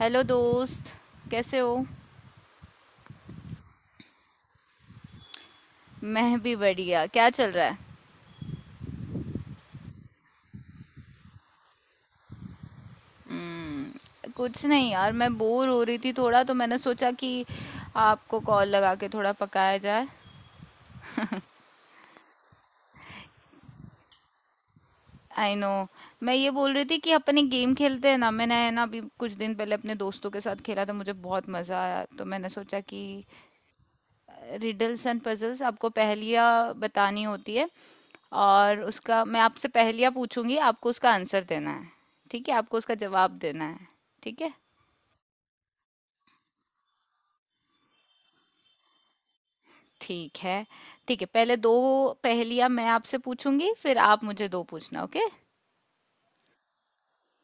Hello दोस्त। कैसे हो? मैं भी बढ़िया। क्या चल रहा है? कुछ नहीं यार, मैं बोर हो रही थी थोड़ा तो मैंने सोचा कि आपको कॉल लगा के थोड़ा पकाया जाए। I know. मैं ये बोल रही थी कि अपन एक गेम खेलते हैं ना, मैंने है ना अभी कुछ दिन पहले अपने दोस्तों के साथ खेला था, मुझे बहुत मज़ा आया तो मैंने सोचा कि रिडल्स एंड पजल्स। आपको पहेलियाँ बतानी होती है और उसका मैं आपसे पहेलियाँ पूछूंगी, आपको उसका आंसर देना है। ठीक है, आपको उसका जवाब देना है। ठीक है। ठीक है। ठीक है, पहले दो पहेलियाँ मैं आपसे पूछूंगी फिर आप मुझे दो पूछना। ओके?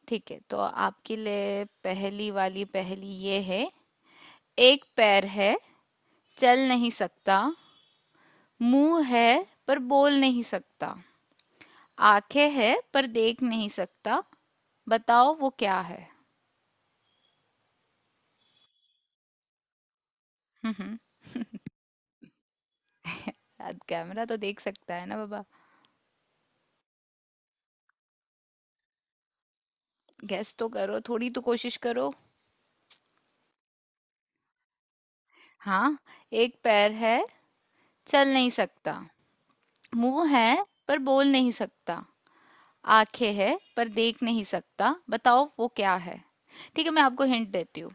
ठीक है, तो आपके लिए पहली वाली पहेली ये है। एक पैर है, चल नहीं सकता। मुंह है पर बोल नहीं सकता। आंखें है पर देख नहीं सकता। बताओ वो क्या है। हम्म। यार, कैमरा तो देख सकता है ना बाबा। गेस तो करो, थोड़ी तो कोशिश करो। हाँ, एक पैर है, चल नहीं सकता। मुंह है पर बोल नहीं सकता। आंखें है पर देख नहीं सकता। बताओ वो क्या है। ठीक है, मैं आपको हिंट देती हूँ।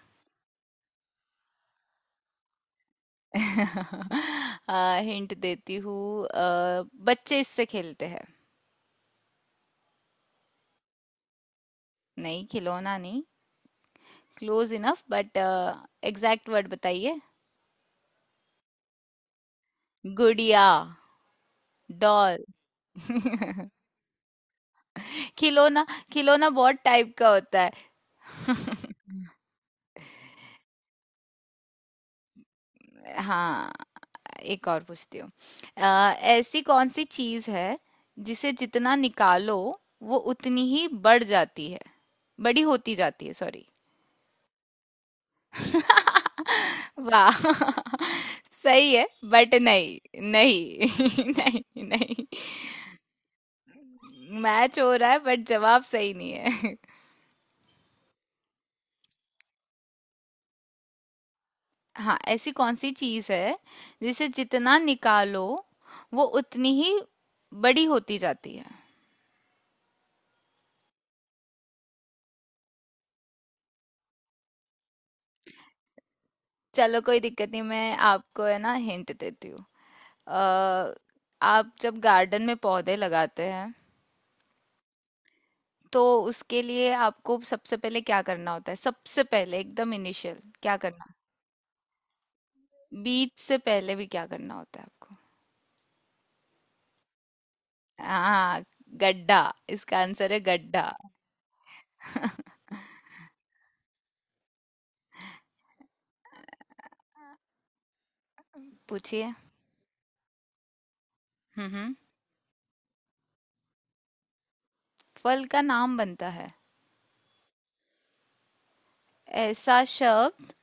हिंट देती हूँ। बच्चे इससे खेलते हैं। नहीं, खिलौना नहीं। Close enough but exact word बताइए। गुड़िया। डॉल। खिलौना। खिलौना बहुत टाइप का होता है। हाँ, एक और पूछती हूँ। अ, ऐसी कौन सी चीज है जिसे जितना निकालो वो उतनी ही बढ़ जाती है, बड़ी होती जाती है। सॉरी। वाह, सही है। बट नहीं। नहीं नहीं नहीं। मैच हो रहा है बट जवाब सही नहीं है। हाँ, ऐसी कौन सी चीज है जिसे जितना निकालो वो उतनी ही बड़ी होती जाती है। चलो कोई दिक्कत नहीं, मैं आपको है ना हिंट देती हूँ। अ, आप जब गार्डन में पौधे लगाते हैं तो उसके लिए आपको सबसे पहले क्या करना होता है? सबसे पहले एकदम इनिशियल क्या करना? बीज से पहले भी क्या करना होता है आपको? हाँ, गड्ढा। इसका आंसर है गड्ढा। पूछिए। हम्म हम्म फल का नाम बनता है। ऐसा शब्द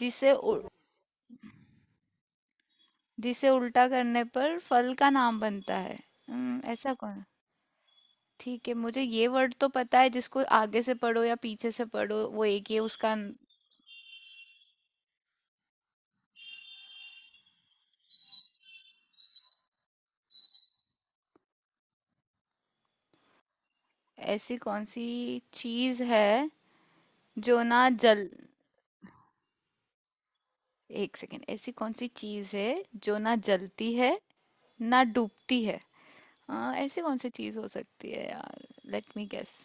जिसे उ, जिसे उल्टा करने पर फल का नाम बनता है। ऐसा कौन। ठीक है, मुझे ये वर्ड तो पता है जिसको आगे से पढ़ो या पीछे से पढ़ो वो एक ही है उसका ऐसी कौन सी चीज है जो ना जल एक सेकेंड। ऐसी कौन सी चीज है जो ना जलती है ना डूबती है। हाँ, ऐसी कौन सी चीज हो सकती है यार, लेट मी गेस।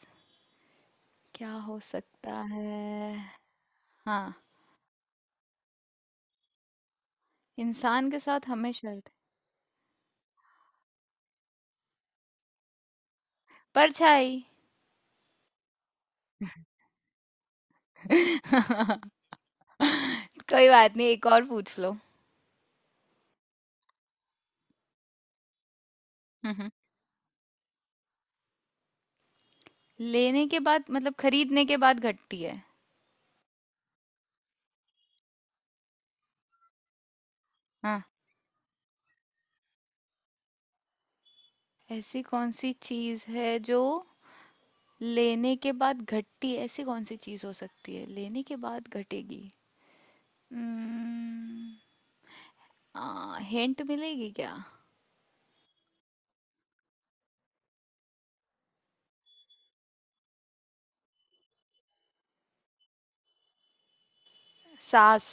क्या हो सकता है? हाँ, इंसान के साथ हमेशा रहता है। परछाई। कोई बात नहीं, एक और पूछ लो। हम्म, लेने के बाद मतलब खरीदने के बाद घटती है। हाँ, ऐसी कौन सी चीज है जो लेने के बाद घटती है? ऐसी कौन सी चीज हो सकती है लेने के बाद घटेगी? हिंट मिलेगी क्या? सास।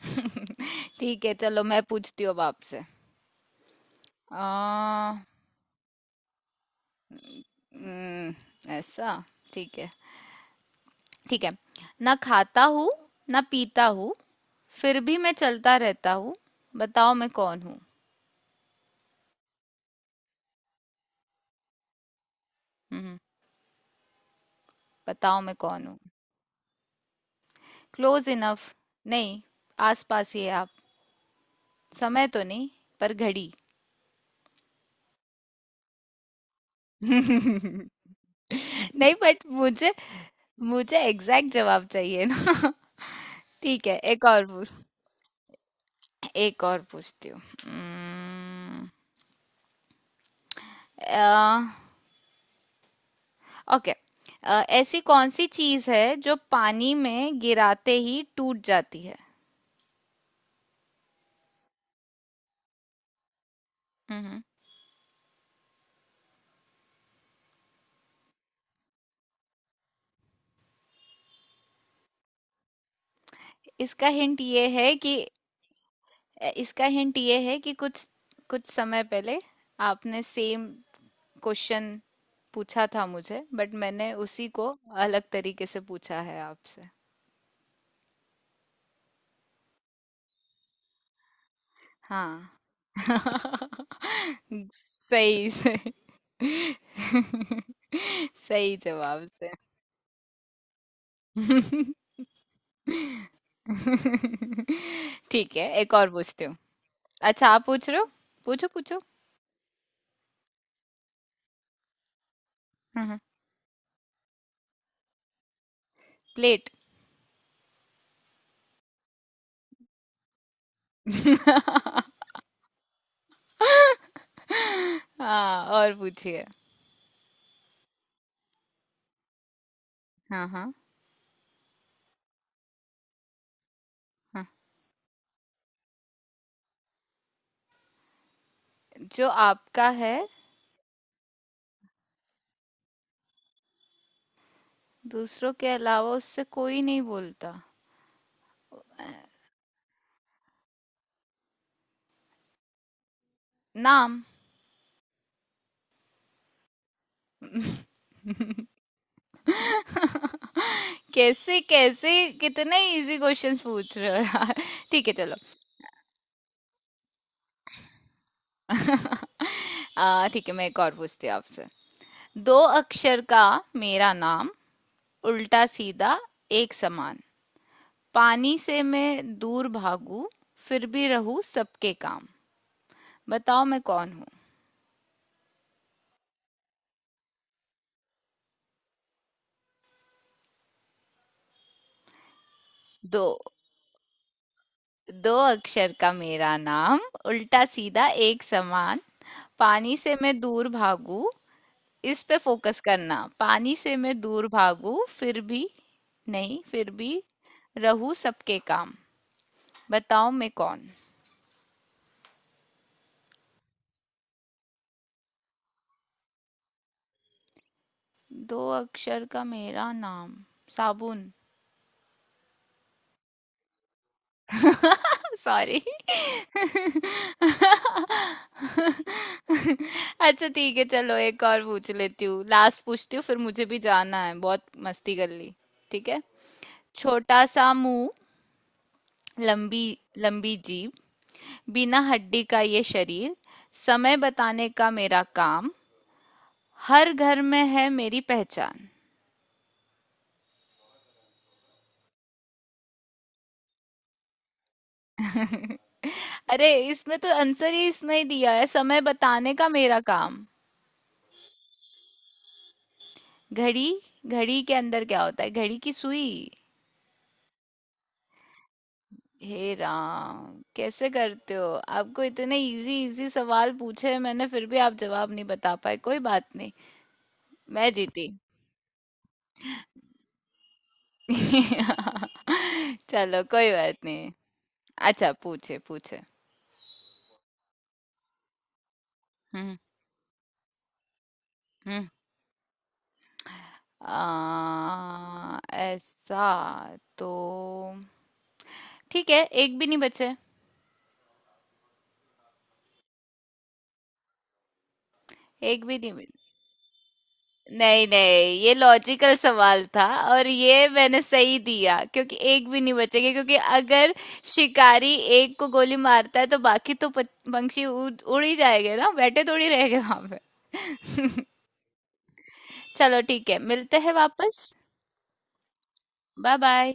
ठीक है, चलो मैं पूछती हूँ अब आपसे। आ, हम्म, ऐसा ठीक है। ठीक है, ना खाता हूँ, ना पीता हूँ, फिर भी मैं चलता रहता हूँ। बताओ मैं कौन हूँ। हम्म। बताओ मैं कौन हूँ। Close enough. नहीं, आस पास ही है आप, समय तो नहीं पर घड़ी। नहीं बट मुझे मुझे एग्जैक्ट जवाब चाहिए ना। ठीक है, एक और पूछती हूँ। हम्म, अ, ओके ऐसी कौन सी चीज है जो पानी में गिराते ही टूट जाती है। हम्म। इसका हिंट ये है कि इसका हिंट ये है कि कुछ कुछ समय पहले आपने सेम क्वेश्चन पूछा था मुझे बट मैंने उसी को अलग तरीके से पूछा है आपसे। हाँ। सही से। सही जवाब से। ठीक है, एक और पूछती हूँ। अच्छा, आप पूछ रहे हो? पूछो पूछो। हम्म, प्लेट। हाँ, और पूछिए। हाँ हाँ। हाँ, जो आपका है, दूसरों के अलावा उससे कोई नहीं बोलता। नाम। कैसे कैसे! कितने इजी क्वेश्चंस पूछ रहे हो यार। ठीक है चलो। ठीक है, मैं एक और पूछती हूँ आपसे। दो अक्षर का मेरा नाम, उल्टा सीधा एक समान, पानी से मैं दूर भागू फिर भी रहूं सबके काम। बताओ मैं कौन हूँ। दो दो अक्षर का मेरा नाम, उल्टा सीधा एक समान, पानी से मैं दूर भागू। इस पे फोकस करना, पानी से मैं दूर भागू फिर भी। नहीं, फिर भी रहू सबके काम। बताओ मैं कौन। दो अक्षर का मेरा नाम। साबुन। सॉरी। अच्छा ठीक है चलो, एक और पूछ लेती हूँ, लास्ट पूछती हूँ, फिर मुझे भी जाना है, बहुत मस्ती कर ली। ठीक है। छोटा सा मुंह, लंबी लंबी जीभ, बिना हड्डी का ये शरीर, समय बताने का मेरा काम, हर घर में है मेरी पहचान। अरे, इसमें तो आंसर ही इसमें ही दिया है, समय बताने का मेरा काम। घड़ी। घड़ी के अंदर क्या होता है? घड़ी की सुई। हे राम, कैसे करते हो! आपको इतने इजी इजी सवाल पूछे हैं मैंने फिर भी आप जवाब नहीं बता पाए, कोई बात नहीं। मैं जीती। चलो कोई बात नहीं। अच्छा, पूछे पूछे। हम्म हम्म ऐसा तो। ठीक है, एक भी नहीं बचे। एक भी नहीं बचे। नहीं नहीं, ये लॉजिकल सवाल था और ये मैंने सही दिया क्योंकि एक भी नहीं बचेगा क्योंकि अगर शिकारी एक को गोली मारता है तो बाकी तो पंछी उड़ उड़ ही जाएंगे ना, बैठे थोड़ी रहेंगे वहां पे। चलो ठीक है, मिलते हैं वापस। Bye bye.